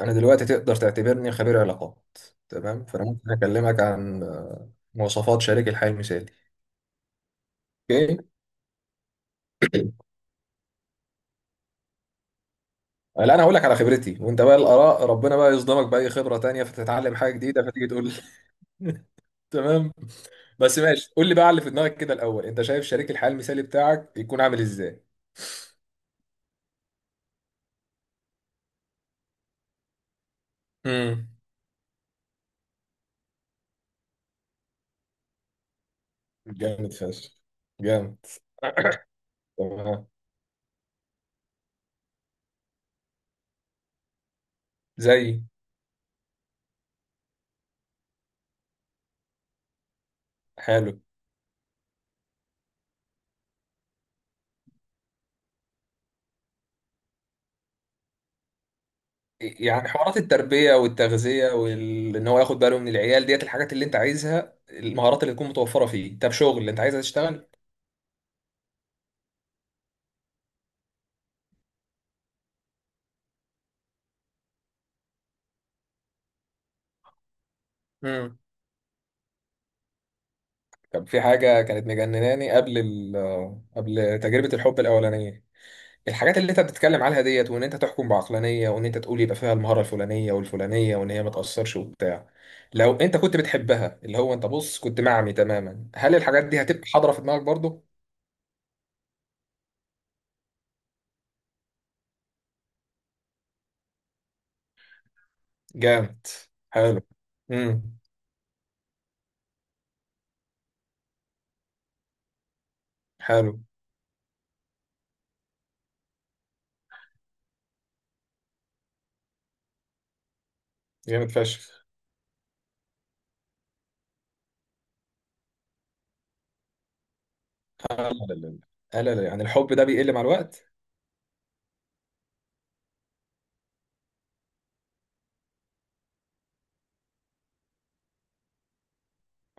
انا دلوقتي تقدر تعتبرني خبير علاقات. تمام، فانا ممكن اكلمك عن مواصفات شريك الحياة المثالي. اوكي. لا انا هقول لك على خبرتي، وانت بقى الاراء ربنا بقى يصدمك باي خبرة تانية فتتعلم حاجة جديدة فتيجي تقول لي. تمام. بس ماشي قول لي بقى على اللي في دماغك كده الاول، انت شايف شريك الحياة المثالي بتاعك يكون عامل ازاي؟ امم. جامد فشخ. جامد. تمام. زي. حلو. يعني حوارات التربية والتغذية، وإن هو ياخد باله من العيال ديت، الحاجات اللي أنت عايزها، المهارات اللي تكون متوفرة فيه. طب شغل اللي أنت عايزها تشتغل. امم. طب في حاجة كانت مجنناني قبل قبل تجربة الحب الأولانية. الحاجات اللي أنت بتتكلم عليها ديت، وإن أنت تحكم بعقلانية، وإن أنت تقول يبقى فيها المهارة الفلانية والفلانية، وإن هي ما تأثرش وبتاع. لو أنت كنت بتحبها، اللي هو أنت بص كنت معمي تماما، هل الحاجات دي هتبقى حاضرة في دماغك برضه؟ جامد. حلو. امم. حلو. جامد فشخ. لا لا لا. لا لا لا، يعني الحب ده بيقل مع الوقت؟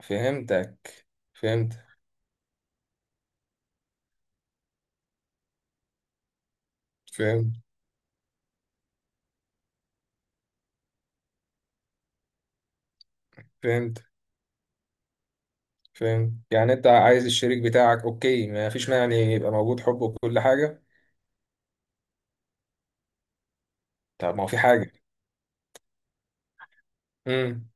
فهمتك. فهمت. فهمت. فهمت. فهمت. يعني انت عايز الشريك بتاعك، اوكي، ما فيش مانع ان يبقى موجود حب وكل حاجه. طب ما هو في حاجه. امم.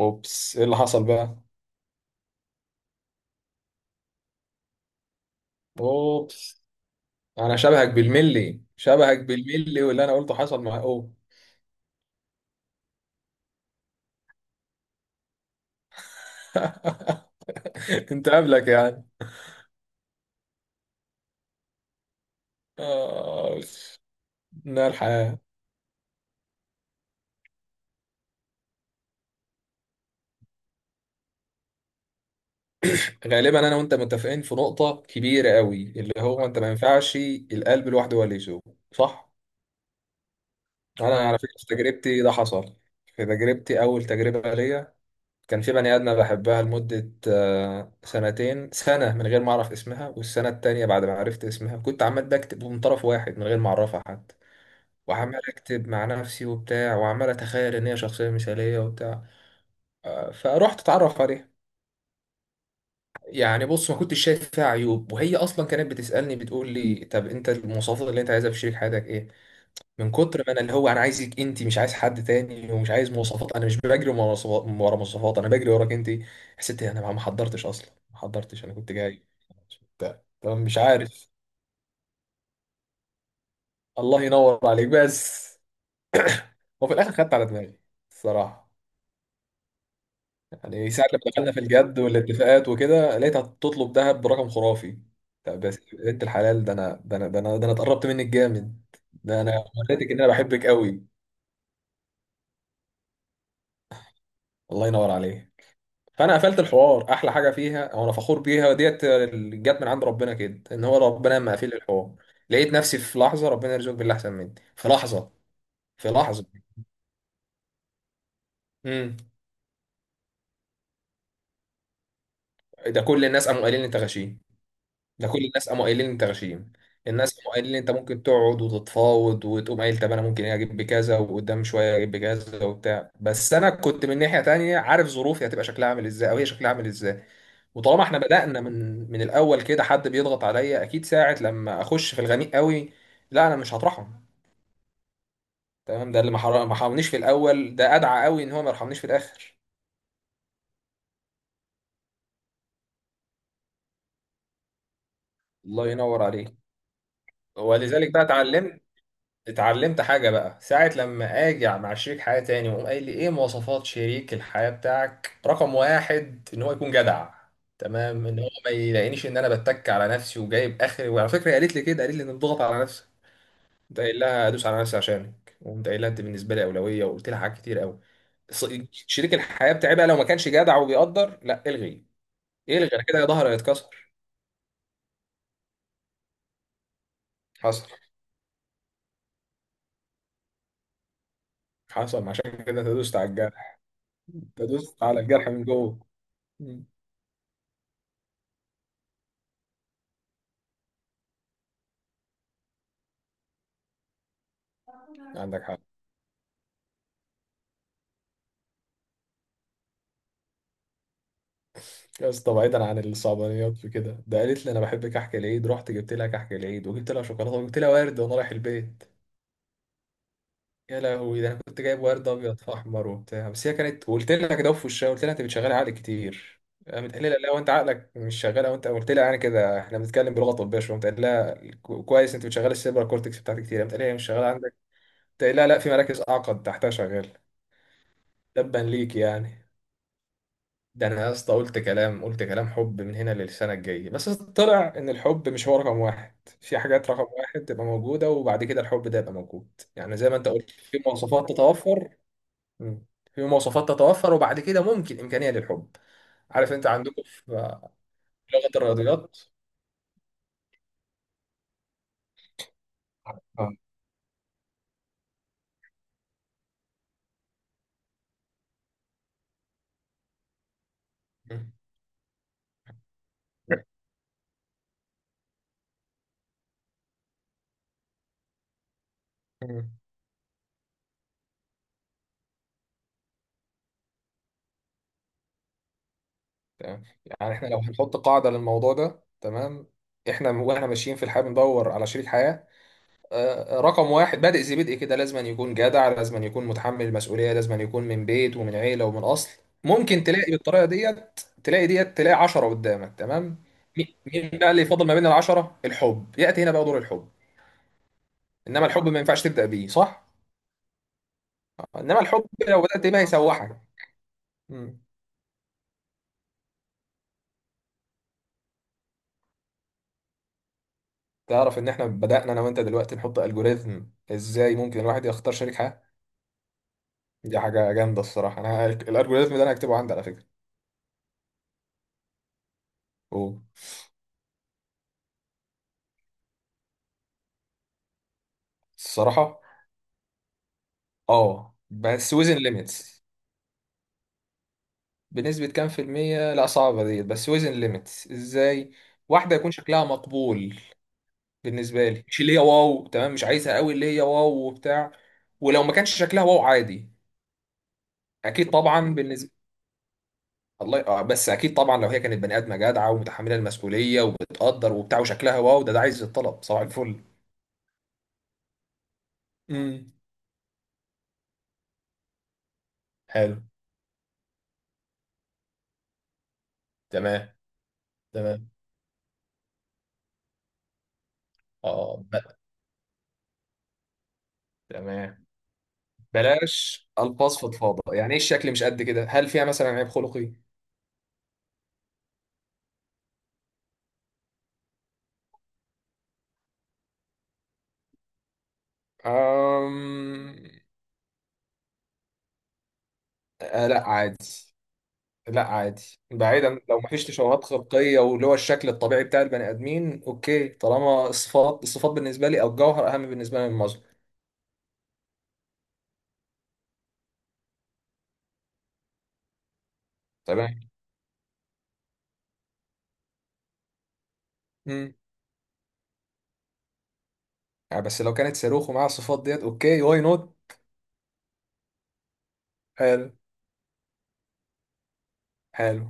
اوبس، ايه اللي حصل بقى؟ اوبس. انا شبهك بالملي، شبهك بالملي، واللي انا قلته حصل مع اوه. انت قبلك يعني. آه. نار الحياه. غالبا انا وانت متفقين في نقطة كبيرة قوي، اللي هو انت ما ينفعش القلب لوحده هو اللي يسوق. صح؟ انا على تمام، فكرة في تجربتي ده حصل. في تجربتي اول تجربة ليا كان في بني ادمة بحبها لمدة سنتين. سنة من غير ما اعرف اسمها، والسنة التانية بعد ما عرفت اسمها كنت عمال بكتب من طرف واحد من غير ما اعرفها حتى، وعمال اكتب مع نفسي وبتاع، وعمال اتخيل ان هي شخصية مثالية وبتاع. فروحت اتعرف عليها. يعني بص ما كنتش شايف فيها عيوب، وهي اصلا كانت بتسالني، بتقول لي طب انت المواصفات اللي انت عايزها في شريك حياتك ايه؟ من كتر ما انا اللي هو انا عايزك انت، مش عايز حد تاني، ومش عايز مواصفات، انا مش بجري ورا مواصفات ورا مواصفات، انا بجري وراك انت. حسيت إيه؟ انا ما حضرتش اصلا، ما حضرتش، انا كنت جاي بتاع. طب مش عارف. الله ينور عليك بس. وفي الاخر خدت على دماغي الصراحه. يعني ساعة لما دخلنا في الجد والاتفاقات وكده، لقيتها تطلب ذهب برقم خرافي. طب بس يا بنت الحلال، ده انا، ده انا، ده انا، ده انا اتقربت منك جامد، ده انا وريتك ان انا بحبك قوي. الله ينور عليه. فانا قفلت الحوار. احلى حاجه فيها، او انا فخور بيها، ديت اللي جت من عند ربنا كده، ان هو ربنا لما قفل الحوار لقيت نفسي في لحظه، ربنا يرزقك باللي احسن مني في لحظه، في لحظه. امم. ده كل الناس قاموا قايلين لي انت غشيم، ده كل الناس قاموا قايلين انت غشيم. الناس قاموا قايلين انت ممكن تقعد وتتفاوض، وتقوم قايل طب انا ممكن إيه اجيب بكذا، وقدام شويه اجيب بكذا وبتاع، بس انا كنت من ناحيه تانية عارف ظروفي هتبقى شكلها عامل ازاي، او هي شكلها عامل ازاي. وطالما احنا بدأنا من الاول كده حد بيضغط عليا، اكيد ساعه لما اخش في الغميق قوي لا انا مش هطرحهم. تمام. ده اللي ما حرمنيش في الاول، ده ادعى قوي ان هو ما يرحمنيش في الاخر. الله ينور عليك. ولذلك بقى اتعلمت. اتعلمت حاجة بقى، ساعة لما اجي مع شريك حياة تاني، وقوم قايل لي ايه مواصفات شريك الحياة بتاعك، رقم واحد ان هو يكون جدع. تمام، ان هو ما يلاقينيش ان انا بتك على نفسي وجايب اخري. وعلى فكرة هي قالت لي كده، قالت لي ان تضغط على نفسك، قمت قايل لها ادوس على نفسي عشانك، وقمت قايل لها انت بالنسبة لي اولوية، وقلت لها حاجات كتير قوي. ص- شريك الحياة بتاعي بقى لو ما كانش جدع وبيقدر، لا الغي، الغي، انا كده ظهري هيتكسر. حصل. حصل، عشان كده تدوست على الجرح، تدوست على الجرح من جوه. مم. عندك حق. يا اسطى، بعيدا عن الصعبانيات في كده، ده قالت لي انا بحب كحك العيد، رحت جبت لها كحك العيد، وجبت لها شوكولاته، وجبت لها ورد، وانا رايح البيت. يا لهوي، ده انا كنت جايب ورد ابيض في احمر وبتاع. بس هي كانت، قلت لها كده في وشها، قلت لها انت بتشغلي عقلك كتير، قامت قايله لي لا وانت عقلك مش شغال، وانت قلت لها، يعني كده احنا بنتكلم بلغه طبيه شويه، قلت لها كويس انت بتشغلي السيبرا كورتكس بتاعتك كتير، قامت قايله لي هي مش شغاله عندك، قلت لها لا، في مراكز اعقد تحتها شغاله، تبا ليك يعني. ده انا يا اسطى قلت كلام، قلت كلام حب من هنا للسنه الجايه، بس طلع ان الحب مش هو رقم واحد. في حاجات رقم واحد تبقى موجوده، وبعد كده الحب ده يبقى موجود. يعني زي ما انت قلت، في مواصفات تتوفر. مم. في مواصفات تتوفر وبعد كده ممكن امكانيه للحب. عارف انت عندكم في لغه الرياضيات. آه. مم. مم. تمام، يعني احنا لو هنحط قاعده للموضوع ده. تمام، احنا واحنا ماشيين في الحياه بندور على شريك حياه. رقم واحد، بادئ ذي بدء كده، لازم أن يكون جدع، لازم أن يكون متحمل المسؤولية، لازم أن يكون من بيت ومن عيلة ومن أصل. ممكن تلاقي بالطريقة ديت تلاقي ديت، تلاقي عشرة قدامك. تمام، مين بقى اللي يفضل ما بين العشرة؟ الحب يأتي هنا بقى دور الحب. إنما الحب ما ينفعش تبدأ بيه. صح، إنما الحب لو بدأت بيه هيسوحك. مم. تعرف إن إحنا بدأنا أنا وأنت دلوقتي نحط ألجوريزم إزاي ممكن الواحد يختار شريك حياة. دي حاجة جامدة الصراحة. أنا الألجوريزم ده أنا هكتبه عندي على فكرة. أوه. الصراحة، اه بس وزن ليميتس. بنسبة كام في المية؟ لا صعبة ديت، بس وزن ليميتس ازاي. واحدة يكون شكلها مقبول بالنسبة لي، مش اللي هي واو. تمام، مش عايزها قوي اللي هي واو وبتاع، ولو ما كانش شكلها واو عادي. اكيد طبعا بالنسبة، الله بس اكيد طبعا لو هي كانت بني ادمة جدعة ومتحملة المسؤولية وبتقدر وبتاع وشكلها واو، ده ده عايز الطلب، صباح الفل. امم. حلو. تمام. تمام. اه بقى. تمام. بلاش الفاظ فضفاضه، يعني ايه الشكل مش قد كده؟ هل فيها مثلا عيب خلقي؟ أم... لا عادي. لا عادي، بعيدا لو مفيش تشوهات خلقيه، واللي هو الشكل الطبيعي بتاع البني ادمين، اوكي. طالما الصفات، الصفات بالنسبه لي، او الجوهر اهم بالنسبه لي من المظهر. تمام. امم. بس لو كانت صاروخ ومعاها الصفات ديت، اوكي واي نوت. حلو. حلو.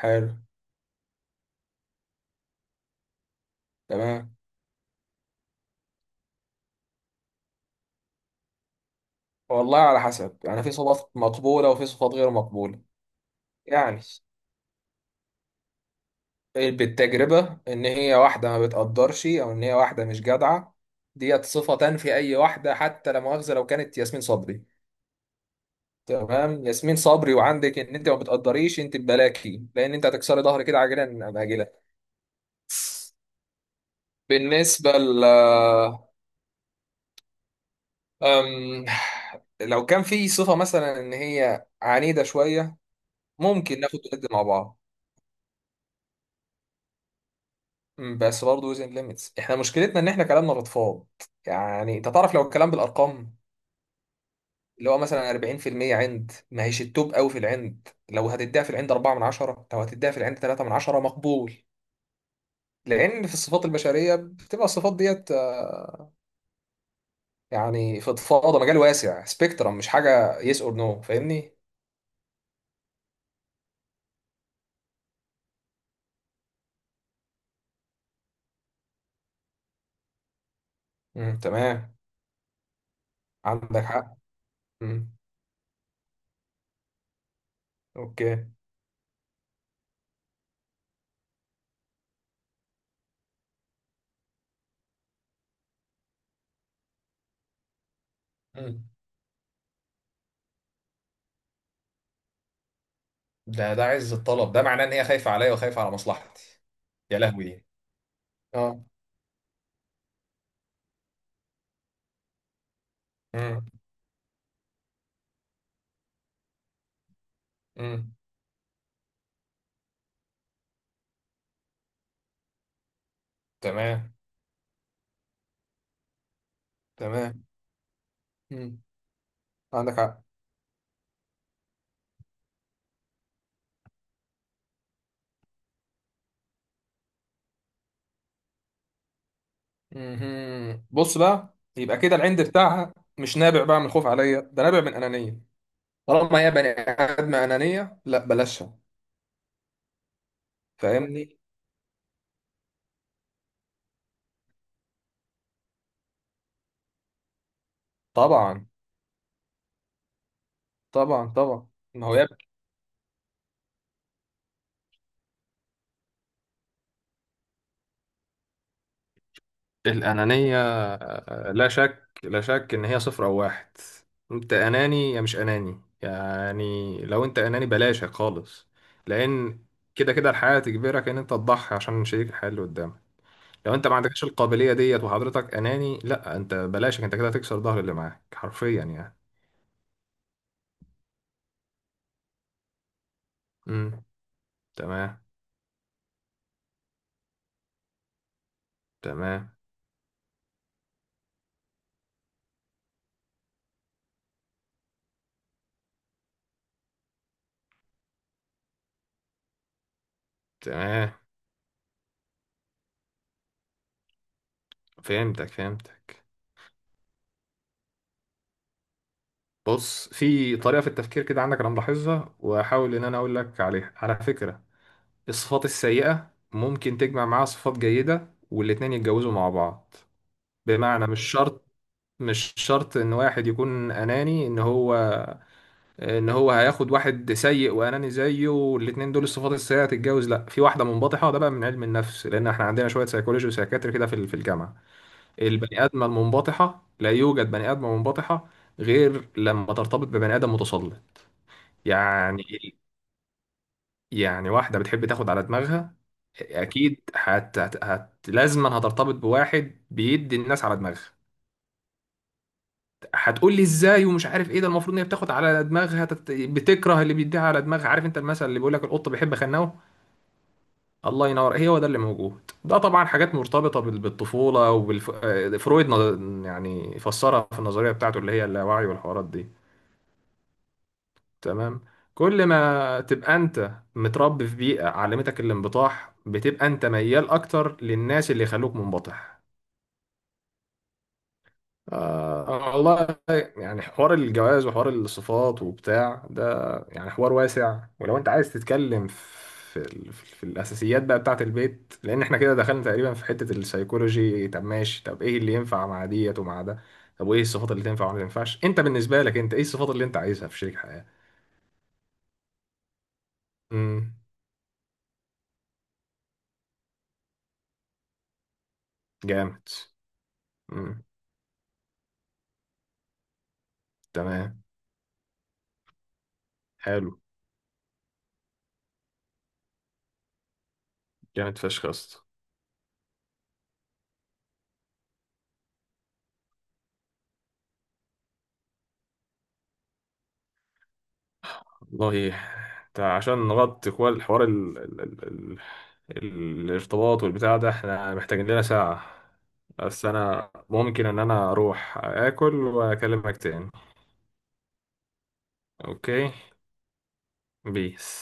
حلو. تمام. والله على حسب، يعني في صفات مقبوله وفي صفات غير مقبوله. يعني بالتجربة إن هي واحدة ما بتقدرش، أو إن هي واحدة مش جدعة، ديت صفة تنفي أي واحدة، حتى لا مؤاخذة لو كانت ياسمين صبري. تمام، ياسمين صبري وعندك إن أنت ما بتقدريش أنت، ببلاكي، لأن أنت هتكسري ظهري كده عاجلا أم آجلا. بالنسبة ل أم... لو كان في صفة مثلا إن هي عنيدة شوية، ممكن ناخد وندي مع بعض. بس برضه وزن ليميتس، إحنا مشكلتنا إن إحنا كلامنا بتفاض. يعني أنت تعرف لو الكلام بالأرقام، اللي هو مثلا 40% عند، ما هيش التوب قوي في العند. لو هتديها في العند 4 من 10، لو هتديها في العند 3 من 10، مقبول. لان في الصفات البشريه بتبقى الصفات ديت يعني فضفاضه، مجال واسع، سبيكترم، مش حاجه يس اور نو. فاهمني. امم. تمام. عندك حق. امم. اوكي. مم. ده ده عز الطلب، ده معناه ان هي خايفه عليا وخايفه على مصلحتي. يا لهوي. اه. امم. امم. تمام. تمام. امم. عندك حق. مهم. بص بقى، يبقى كده العند بتاعها مش نابع بقى من خوف عليا، ده نابع من أنانية. طالما هي بني آدم أنانية، لا بلاشها. فاهمني. طبعا طبعا طبعا. ما هو يا ابني. الأنانية لا شك، لا شك إن هي صفر أو واحد. أنت أناني يا مش أناني، يعني لو أنت أناني بلاشك خالص. لأن كده كده الحياة تجبرك إن أنت تضحي عشان شريك الحياة اللي قدامك. لو انت ما عندكش القابليه ديت وحضرتك اناني، لا انت بلاشك، انت كده هتكسر ظهر اللي معاك حرفيا يعني. امم. تمام. تمام. تمام. فهمتك. فهمتك. بص في طريقه في التفكير كده عندك، انا ملاحظها واحاول ان انا اقول لك عليها على فكره. الصفات السيئه ممكن تجمع معاها صفات جيده، والاتنين يتجوزوا مع بعض. بمعنى مش شرط، مش شرط ان واحد يكون اناني ان هو، ان هو هياخد واحد سيء واناني زيه، والاتنين دول الصفات السيئه هتتجوز. لا، في واحده منبطحه، ده بقى من علم النفس، لان احنا عندنا شويه سيكولوجي وسيكاتري كده في في الجامعه. البني ادمه المنبطحه، لا يوجد بني ادمه منبطحه غير لما ترتبط ببني ادم متسلط. يعني. يعني واحده بتحب تاخد على دماغها، اكيد هت لازما هترتبط بواحد بيدي الناس على دماغها. هتقول لي ازاي ومش عارف ايه، ده المفروض ان هي بتاخد على دماغها بتكره اللي بيديها على دماغها. عارف انت المثل اللي بيقول لك القط بيحب خناوه. الله ينور، هي هو ده اللي موجود. ده طبعا حاجات مرتبطة بالطفولة وبالفرويد. يعني فسرها في النظرية بتاعته اللي هي اللاوعي والحوارات دي. تمام. كل ما تبقى انت متربي في بيئة علمتك الانبطاح، بتبقى انت ميال اكتر للناس اللي يخلوك منبطح. آه والله. يعني حوار الجواز وحوار الصفات وبتاع ده، يعني حوار واسع. ولو انت عايز تتكلم في في الاساسيات بقى بتاعه البيت، لان احنا كده دخلنا تقريبا في حتة السيكولوجي. طب ماشي، طب ايه اللي ينفع مع ديت ومع ده؟ طب وايه الصفات اللي تنفع وما تنفعش؟ انت بالنسبة لك، انت ايه الصفات اللي انت عايزها في شريك حياة؟ امم. جامد. امم. تمام. حلو. جامد فشخ يا اسطى. والله. انت عشان نغطي كل الحوار ال... الارتباط والبتاع ده، احنا محتاجين لنا ساعة. بس انا ممكن ان انا اروح اكل واكلمك تاني. اوكي. بيس.